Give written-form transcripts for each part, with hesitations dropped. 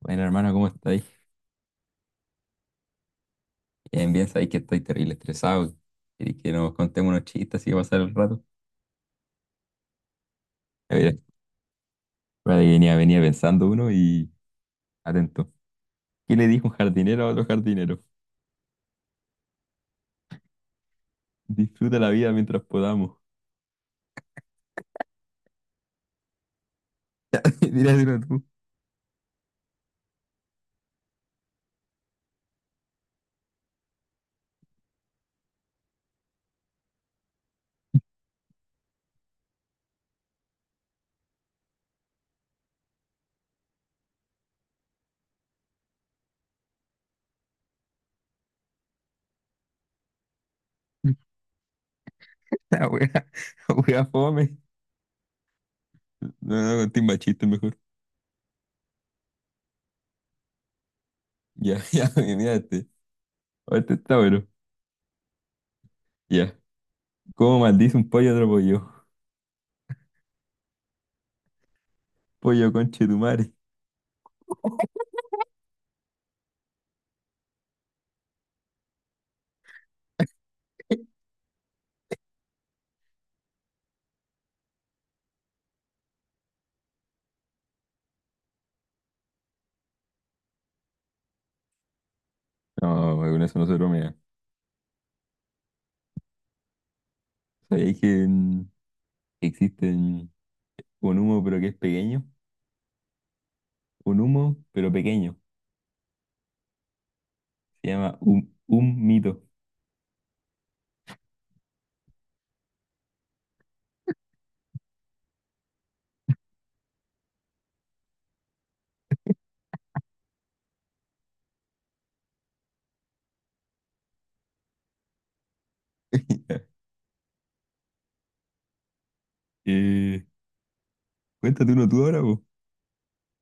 Bueno, hermano, ¿cómo estáis? Bien, bien, sabéis que estoy terrible estresado. Queréis que nos contemos unos chistes así que pasar el rato. A ver, espérate que venía pensando uno y atento. ¿Qué le dijo un jardinero a otro jardinero? Disfruta la vida mientras podamos. Dígaselo tú. La wea, la wea fome. No, no, conté más chistes mejor. Ya, ya, mira este. O este está bueno. Ya. ¿Cómo maldice un pollo a otro pollo? Pollo conche tu madre. No, con eso no se bromea. ¿Sabéis que que existen. Un humo, pero que es pequeño. Un humo, pero pequeño. Se llama un mito. Eh, cuéntate uno tú ahora, po.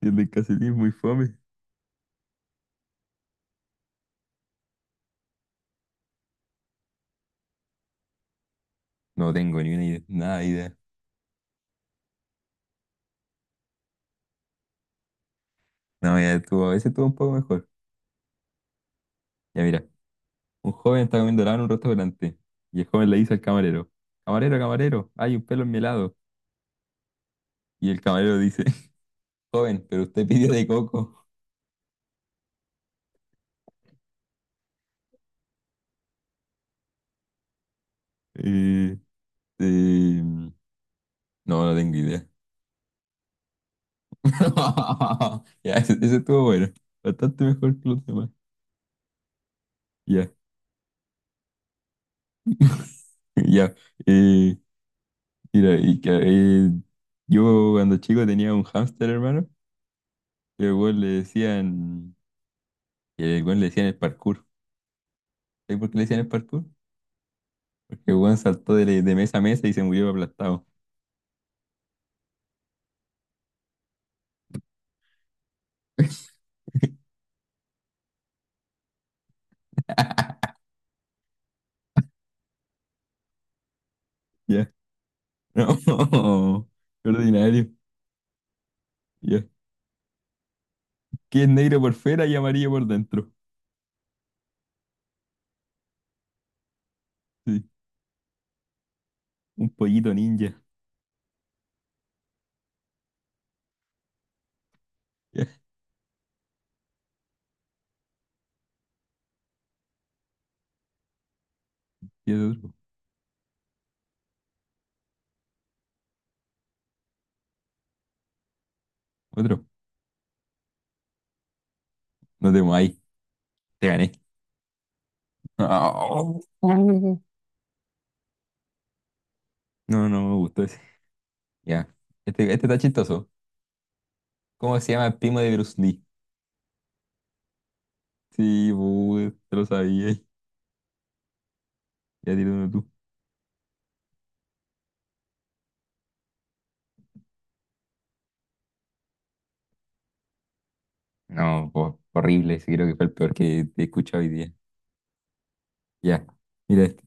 El del calcetín es muy fome. No tengo ni una idea, nada de idea. No, ya estuvo, a veces estuvo un poco mejor. Ya mira, un joven está comiendo helado en un restaurante y el joven le dice al camarero, camarero, camarero, hay un pelo en mi helado. Y el camarero dice, joven, pero usted pidió de coco. Eh, no, no tengo idea. Ya, ese estuvo bueno, bastante mejor que los demás. Ya. Ya, eh, mira, y que, yo cuando chico tenía un hámster, hermano, que al weón le decían, que al weón le decían el parkour. ¿Sabes por qué le decían el parkour? Porque el weón saltó de mesa a mesa y se murió aplastado. Ya, no, qué ordinario. Ya, que es negro por fuera y amarillo por dentro. Sí, un pollito ninja. Ya, y es otro, otro. No te ahí te gané. No, no me gustó ese. Ya, este está chistoso. ¿Cómo se llama el primo de Bruce Lee? Sí, pues, te lo sabía. Ya tira uno tú. No, horrible. Ese creo que fue el peor que he escuchado hoy día. Ya, mira este.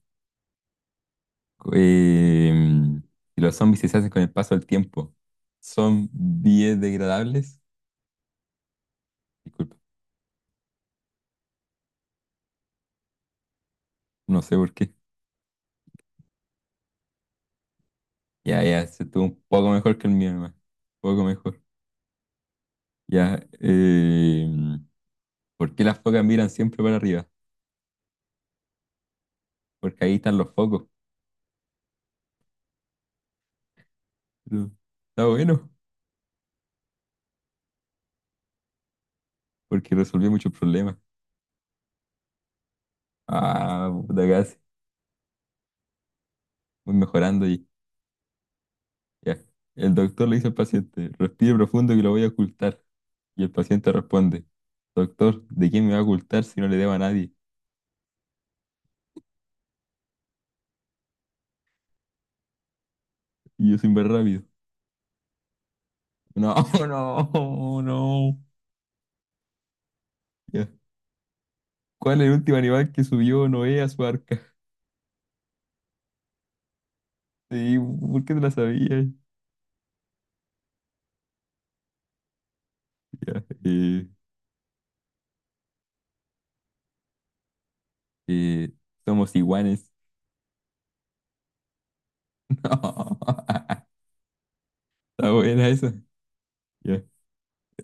Em, si los zombies se hacen con el paso del tiempo, ¿son biodegradables? Disculpa, no sé por qué. Ya, ya, se estuvo un poco mejor que el mío, nomás. Un poco mejor. Ya, ¿por qué las focas miran siempre para arriba? Porque ahí están los focos. Pero está bueno, porque resolvió muchos problemas. Ah, puta, casi. Voy mejorando. Ya. El doctor le dice al paciente, respire profundo que lo voy a ocultar. Y el paciente responde, doctor, ¿de quién me va a ocultar si no le debo a nadie? Y yo sin ver rápido. No, no, no. Ya. ¿Cuál es el último animal que subió Noé a su arca? Sí, ¿por qué te la sabías? Ya. Eh, Somos iguanes. No. Está buena esa. Ya.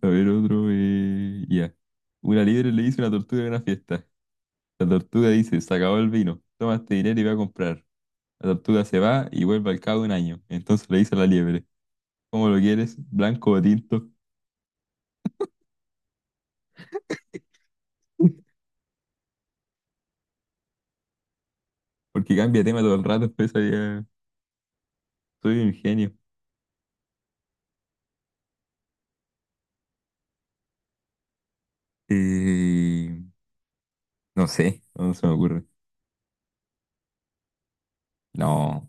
A ver, otro. Ya. Una liebre le hizo una tortuga en una fiesta. La tortuga dice, se acabó el vino. Toma este dinero y va a comprar. La tortuga se va y vuelve al cabo de un año. Entonces le dice a la liebre, ¿cómo lo quieres? ¿Blanco o tinto? Porque cambia de tema todo el rato, pues ya soy un genio. Eh, no sé, no se me ocurre. No,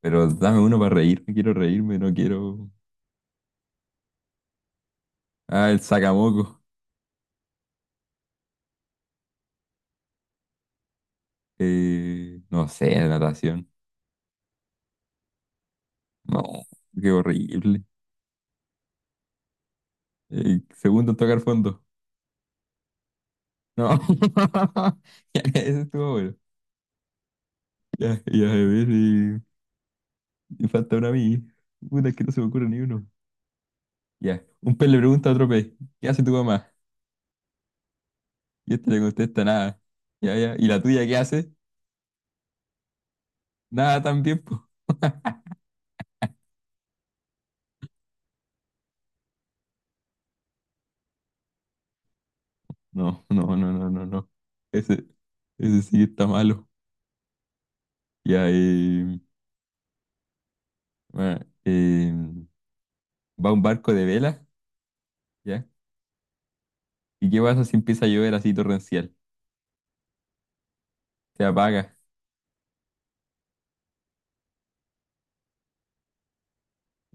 pero dame uno para reírme, quiero reírme, no quiero... Ah, el sacamoco. No sé, natación. No, qué horrible. Segundo en tocar fondo. No, ya, ese estuvo bueno. Ya, ya, a ver, y me falta uno a mí. Puta, es que no se me ocurre ni uno. Ya. Un pez le pregunta a otro pez, ¿qué hace tu mamá? Y este le contesta nada. Ya, ya. ¿Y la tuya qué hace? Nada también, po. No, no, no, no, no, no. Ese, ese sí está malo. Ya, bueno, va un barco de vela, ¿ya? ¿Y qué pasa si empieza a llover así torrencial? Se apaga,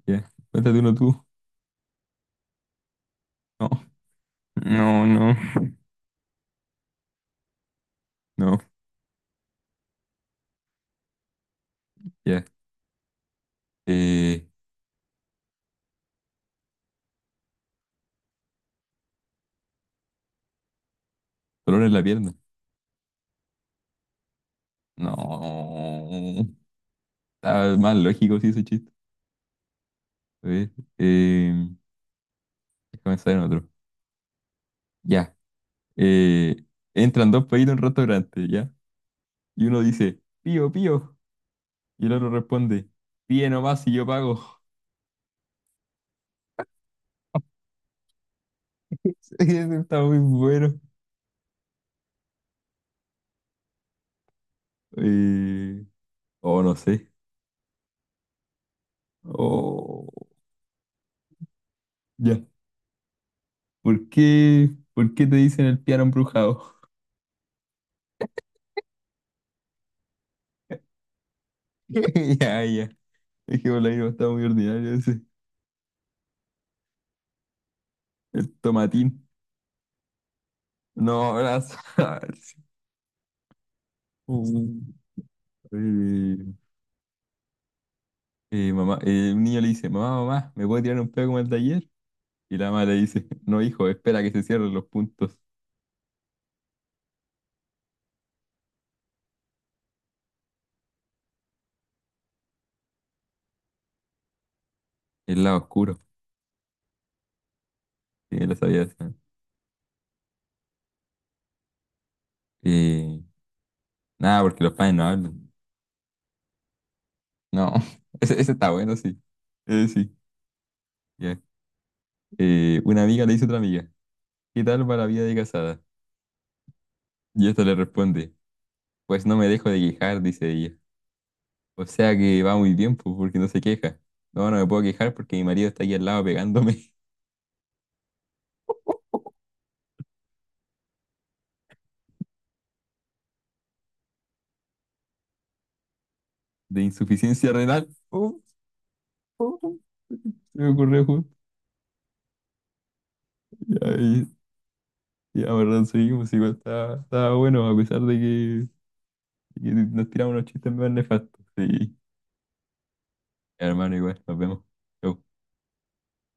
¿ya? Cuéntate uno tú. No, no, no, no, ya. Eh, Dolor en la pierna. No. Está más lógico sí ese chiste. A ver, eh, déjame pensar en otro. Ya. eh, Entran dos países en un restaurante, ¿ya? Y uno dice, pío, pío. Y el otro responde, pío nomás y yo pago. Sí, ese está muy bueno. Eh, oh, no sé. Oh, ya. Por qué te dicen el piano embrujado? Ya, ya. Es que por ahí no está muy ordinario ese. El tomatín. No, las... Uh, eh, mamá, un niño le dice, mamá, mamá, ¿me puede tirar un pedo como el de ayer? Y la mamá le dice, no, hijo, espera que se cierren los puntos. El lado oscuro. Sí, lo sabía esa. Eh, Nada, porque los padres no hablan. No, ese está bueno, sí. Sí, ya. Una amiga le dice a otra amiga, ¿qué tal va la vida de casada? Y esta le responde, pues no me dejo de quejar, dice ella. O sea que va muy bien, pues, porque no se queja. No, no me puedo quejar porque mi marido está aquí al lado pegándome. De insuficiencia renal. Uh, uh, uh, se me ocurrió justo. Ya, y la verdad, seguimos, igual estaba bueno, a pesar de que nos tiramos unos chistes más nefastos. Sí, hermano, igual, nos vemos. Chau.